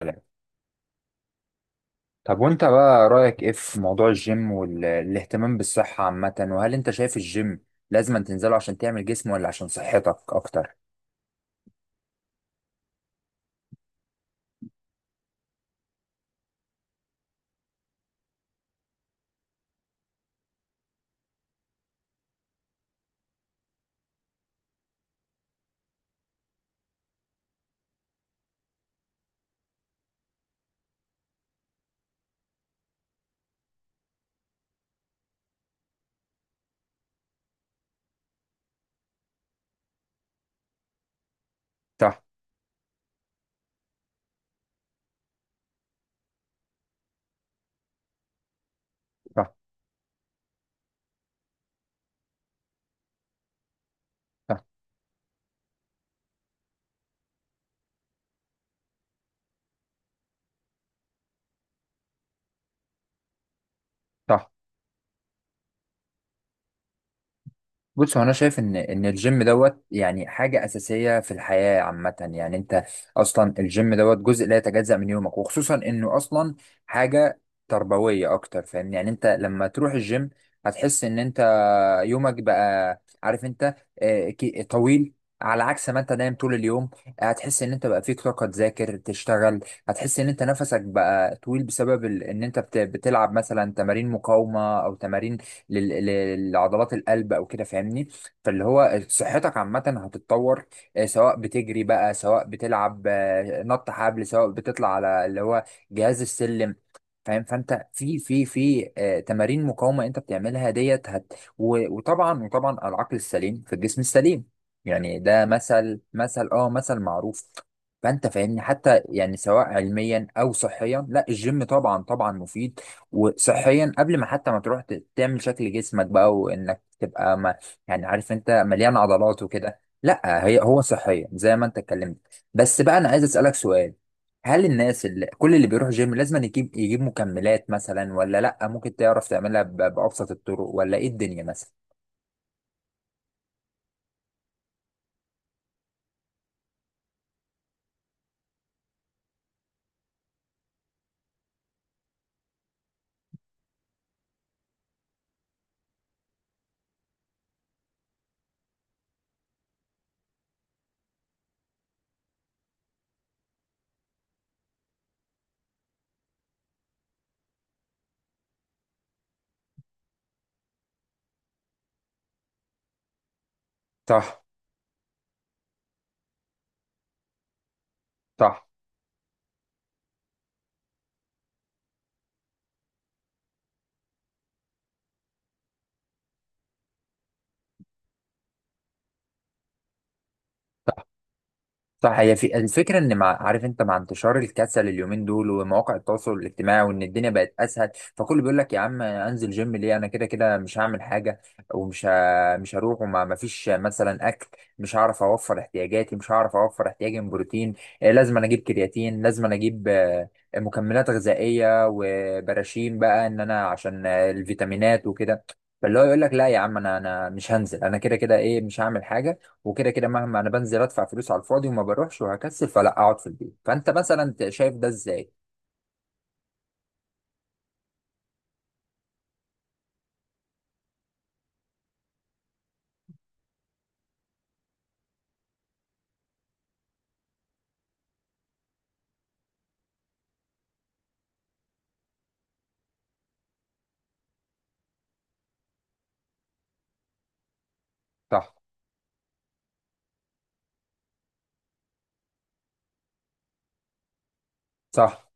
سلام. طب وانت بقى رأيك ايه في موضوع الجيم والاهتمام بالصحة عامة، وهل انت شايف الجيم لازم تنزله عشان تعمل جسم ولا عشان صحتك اكتر؟ صح، صح، صح، صح. بص، هو انا شايف ان الجيم دوت يعني حاجه اساسيه في الحياه عامه، يعني انت اصلا الجيم دوت جزء لا يتجزأ من يومك، وخصوصا انه اصلا حاجه تربويه اكتر. فاهمني؟ يعني انت لما تروح الجيم هتحس ان انت يومك بقى عارف انت طويل، على عكس ما انت نايم طول اليوم. هتحس ان انت بقى فيك طاقة تذاكر تشتغل. هتحس ان انت نفسك بقى طويل بسبب ان انت بتلعب مثلا تمارين مقاومة او تمارين لعضلات القلب او كده. فاهمني؟ فاللي هو صحتك عامة هتتطور، سواء بتجري بقى، سواء بتلعب نط حبل، سواء بتطلع على اللي هو جهاز السلم. فاهم؟ فانت في تمارين مقاومه انت بتعملها ديت. وطبعا العقل السليم في الجسم السليم، يعني ده مثل معروف. فانت فاهمني؟ حتى يعني سواء علميا او صحيا، لا الجيم طبعا طبعا مفيد. وصحيا قبل ما حتى ما تروح تعمل شكل جسمك بقى، وانك تبقى ما يعني عارف انت مليان عضلات وكده، لا هي هو صحيا زي ما انت اتكلمت. بس بقى انا عايز اسالك سؤال، هل الناس اللي كل اللي بيروح جيم لازم أن يجيب مكملات مثلا، ولا لا ممكن تعرف تعملها بابسط الطرق، ولا ايه الدنيا مثلا؟ صح، صح، صح. هي في الفكره، ان مع عارف انت، مع انتشار الكسل اليومين دول ومواقع التواصل الاجتماعي وان الدنيا بقت اسهل، فكله بيقول لك يا عم، انزل جيم ليه؟ انا كده كده مش هعمل حاجه، ومش ه... مش هروح، وما ما فيش مثلا اكل، مش هعرف اوفر احتياجاتي، مش هعرف اوفر احتياجي من بروتين. لازم أنا اجيب كرياتين، لازم أنا اجيب مكملات غذائيه وبراشين بقى ان انا عشان الفيتامينات وكده. فاللي هو يقول لك لا يا عم، انا مش هنزل، انا كده كده ايه مش هعمل حاجه، وكده كده مهما انا بنزل ادفع فلوس على الفاضي وما بروحش وهكسل، فلا اقعد في البيت. فانت مثلا شايف ده ازاي؟ صح، صح.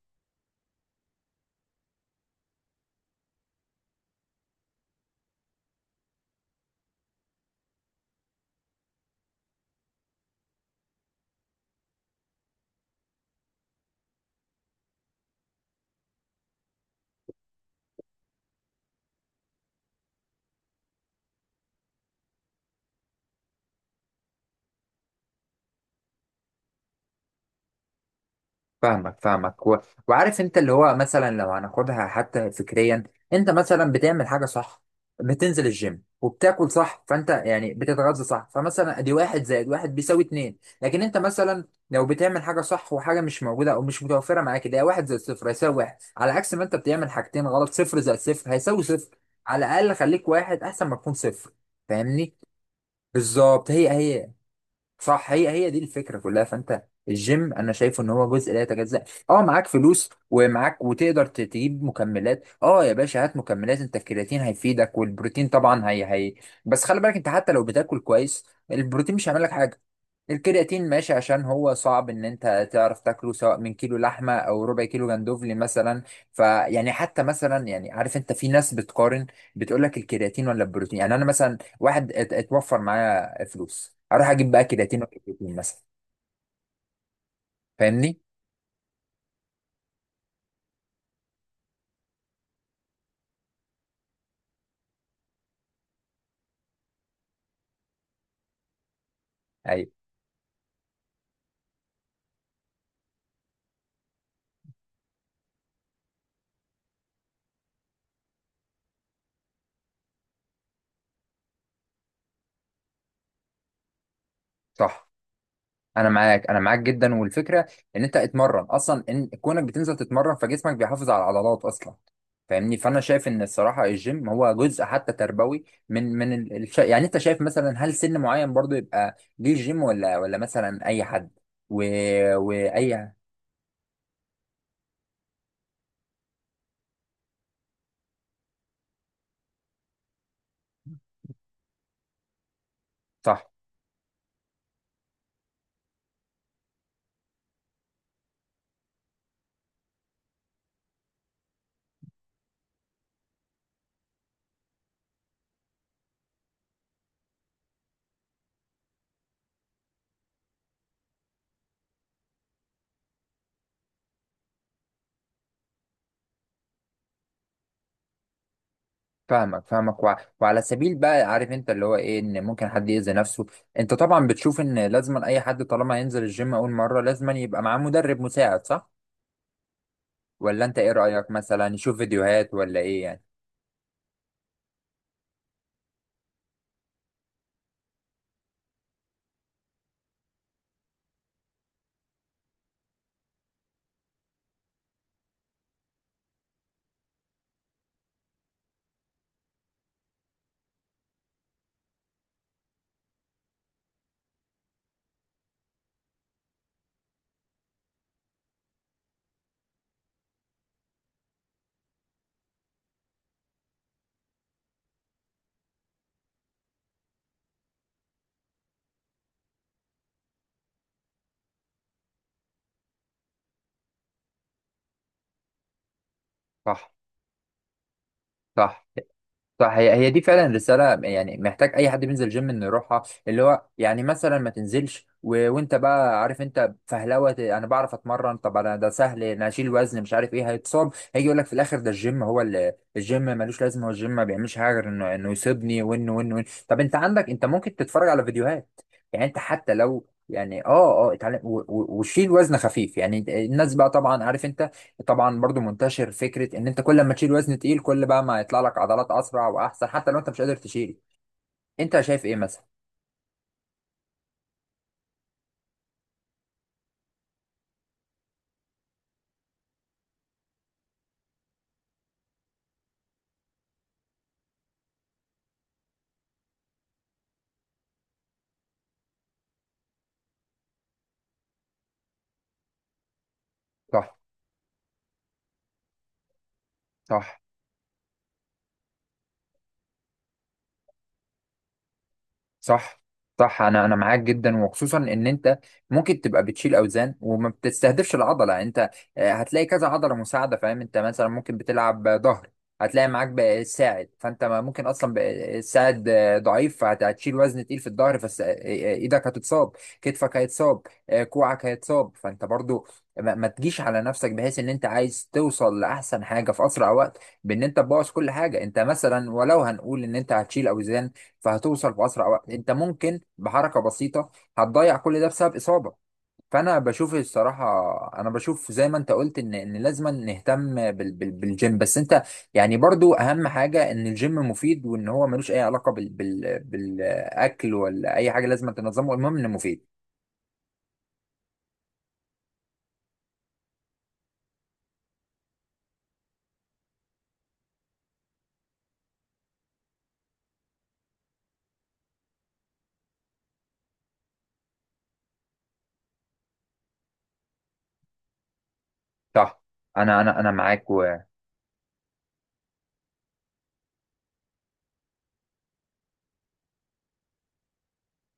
فاهمك، فاهمك. وعارف انت اللي هو مثلا لو هناخدها حتى فكريا، انت مثلا بتعمل حاجه صح، بتنزل الجيم وبتاكل صح، فانت يعني بتتغذى صح، فمثلا ادي واحد زائد واحد بيساوي اتنين. لكن انت مثلا لو بتعمل حاجه صح وحاجه مش موجوده او مش متوفره معاك، ده واحد زائد صفر هيساوي واحد، على عكس ما انت بتعمل حاجتين غلط، صفر زائد صفر هيساوي صفر. على الاقل خليك واحد احسن ما تكون صفر. فاهمني؟ بالظبط، هي هي. صح، هي هي دي الفكره كلها، فانت الجيم انا شايفه ان هو جزء لا يتجزأ. اه، معاك فلوس ومعاك وتقدر تجيب مكملات، اه يا باشا هات مكملات، انت الكرياتين هيفيدك والبروتين طبعا، هي هي. بس خلي بالك انت حتى لو بتاكل كويس البروتين مش هيعمل لك حاجه. الكرياتين ماشي عشان هو صعب ان انت تعرف تاكله سواء من كيلو لحمه او ربع كيلو جندوفلي مثلا. فيعني حتى مثلا يعني عارف انت، في ناس بتقارن بتقول لك الكرياتين ولا البروتين؟ يعني انا مثلا واحد اتوفر معايا فلوس، اروح اجيب بقى كرياتين ولا بروتين مثلا؟ فاهمني؟ ايوه، صح. انا معاك، انا معاك جدا. والفكره ان انت اتمرن اصلا، ان كونك بتنزل تتمرن فجسمك بيحافظ على العضلات اصلا. فاهمني؟ فانا شايف ان الصراحه الجيم هو جزء حتى تربوي. من يعني انت شايف مثلا هل سن معين برضو يبقى ليه جيم، ولا مثلا اي حد؟ و... واي؟ صح، فاهمك، فاهمك. وعلى سبيل بقى عارف انت اللي هو ايه، ان ممكن حد يأذي نفسه. انت طبعا بتشوف ان لازم اي حد طالما ينزل الجيم اول مرة لازم يبقى معاه مدرب مساعد، صح؟ ولا انت ايه رأيك، مثلا يشوف فيديوهات ولا ايه يعني؟ صح، صح، صح. هي هي دي فعلا رسالة، يعني محتاج أي حد بينزل جيم إنه يروحها. اللي هو يعني مثلا ما تنزلش وأنت بقى عارف أنت فهلوة، أنا بعرف أتمرن. طب أنا ده سهل، أنا أشيل وزن مش عارف إيه، هيتصاب. هيجي يقول لك في الآخر ده الجيم هو الجيم ملوش لازمة، هو الجيم ما بيعملش حاجة غير إنه يصيبني، وإنه. طب أنت عندك، أنت ممكن تتفرج على فيديوهات. يعني أنت حتى لو يعني اتعلم وشيل وزن خفيف. يعني الناس بقى طبعا عارف انت، طبعا برضو منتشر فكره ان انت كل ما تشيل وزن تقيل كل بقى ما يطلع لك عضلات اسرع واحسن، حتى لو انت مش قادر تشيل. انت شايف ايه مثلا؟ صح، صح، صح، صح. انا معاك جدا، وخصوصا ان انت ممكن تبقى بتشيل اوزان وما بتستهدفش العضله. انت هتلاقي كذا عضله مساعده. فاهم؟ انت مثلا ممكن بتلعب ظهر، هتلاقي معاك بقى ساعد، فانت ما ممكن اصلا بقى الساعد ضعيف، فهتشيل وزن تقيل في الظهر، ايدك هتتصاب، كتفك هيتصاب، كوعك هيتصاب. فانت برضو ما تجيش على نفسك بحيث ان انت عايز توصل لاحسن حاجه في اسرع وقت، بان انت تبوظ كل حاجه. انت مثلا، ولو هنقول ان انت هتشيل اوزان فهتوصل بأسرع وقت، انت ممكن بحركة بسيطة هتضيع كل ده بسبب إصابة. فأنا بشوف الصراحة، أنا بشوف زي ما أنت قلت، إن لازم نهتم بالجيم. بس أنت يعني برضو أهم حاجة إن الجيم مفيد، وإن هو ملوش أي علاقة بالأكل ولا أي حاجة لازم تنظمه، المهم إنه مفيد. صح، أنا معاك.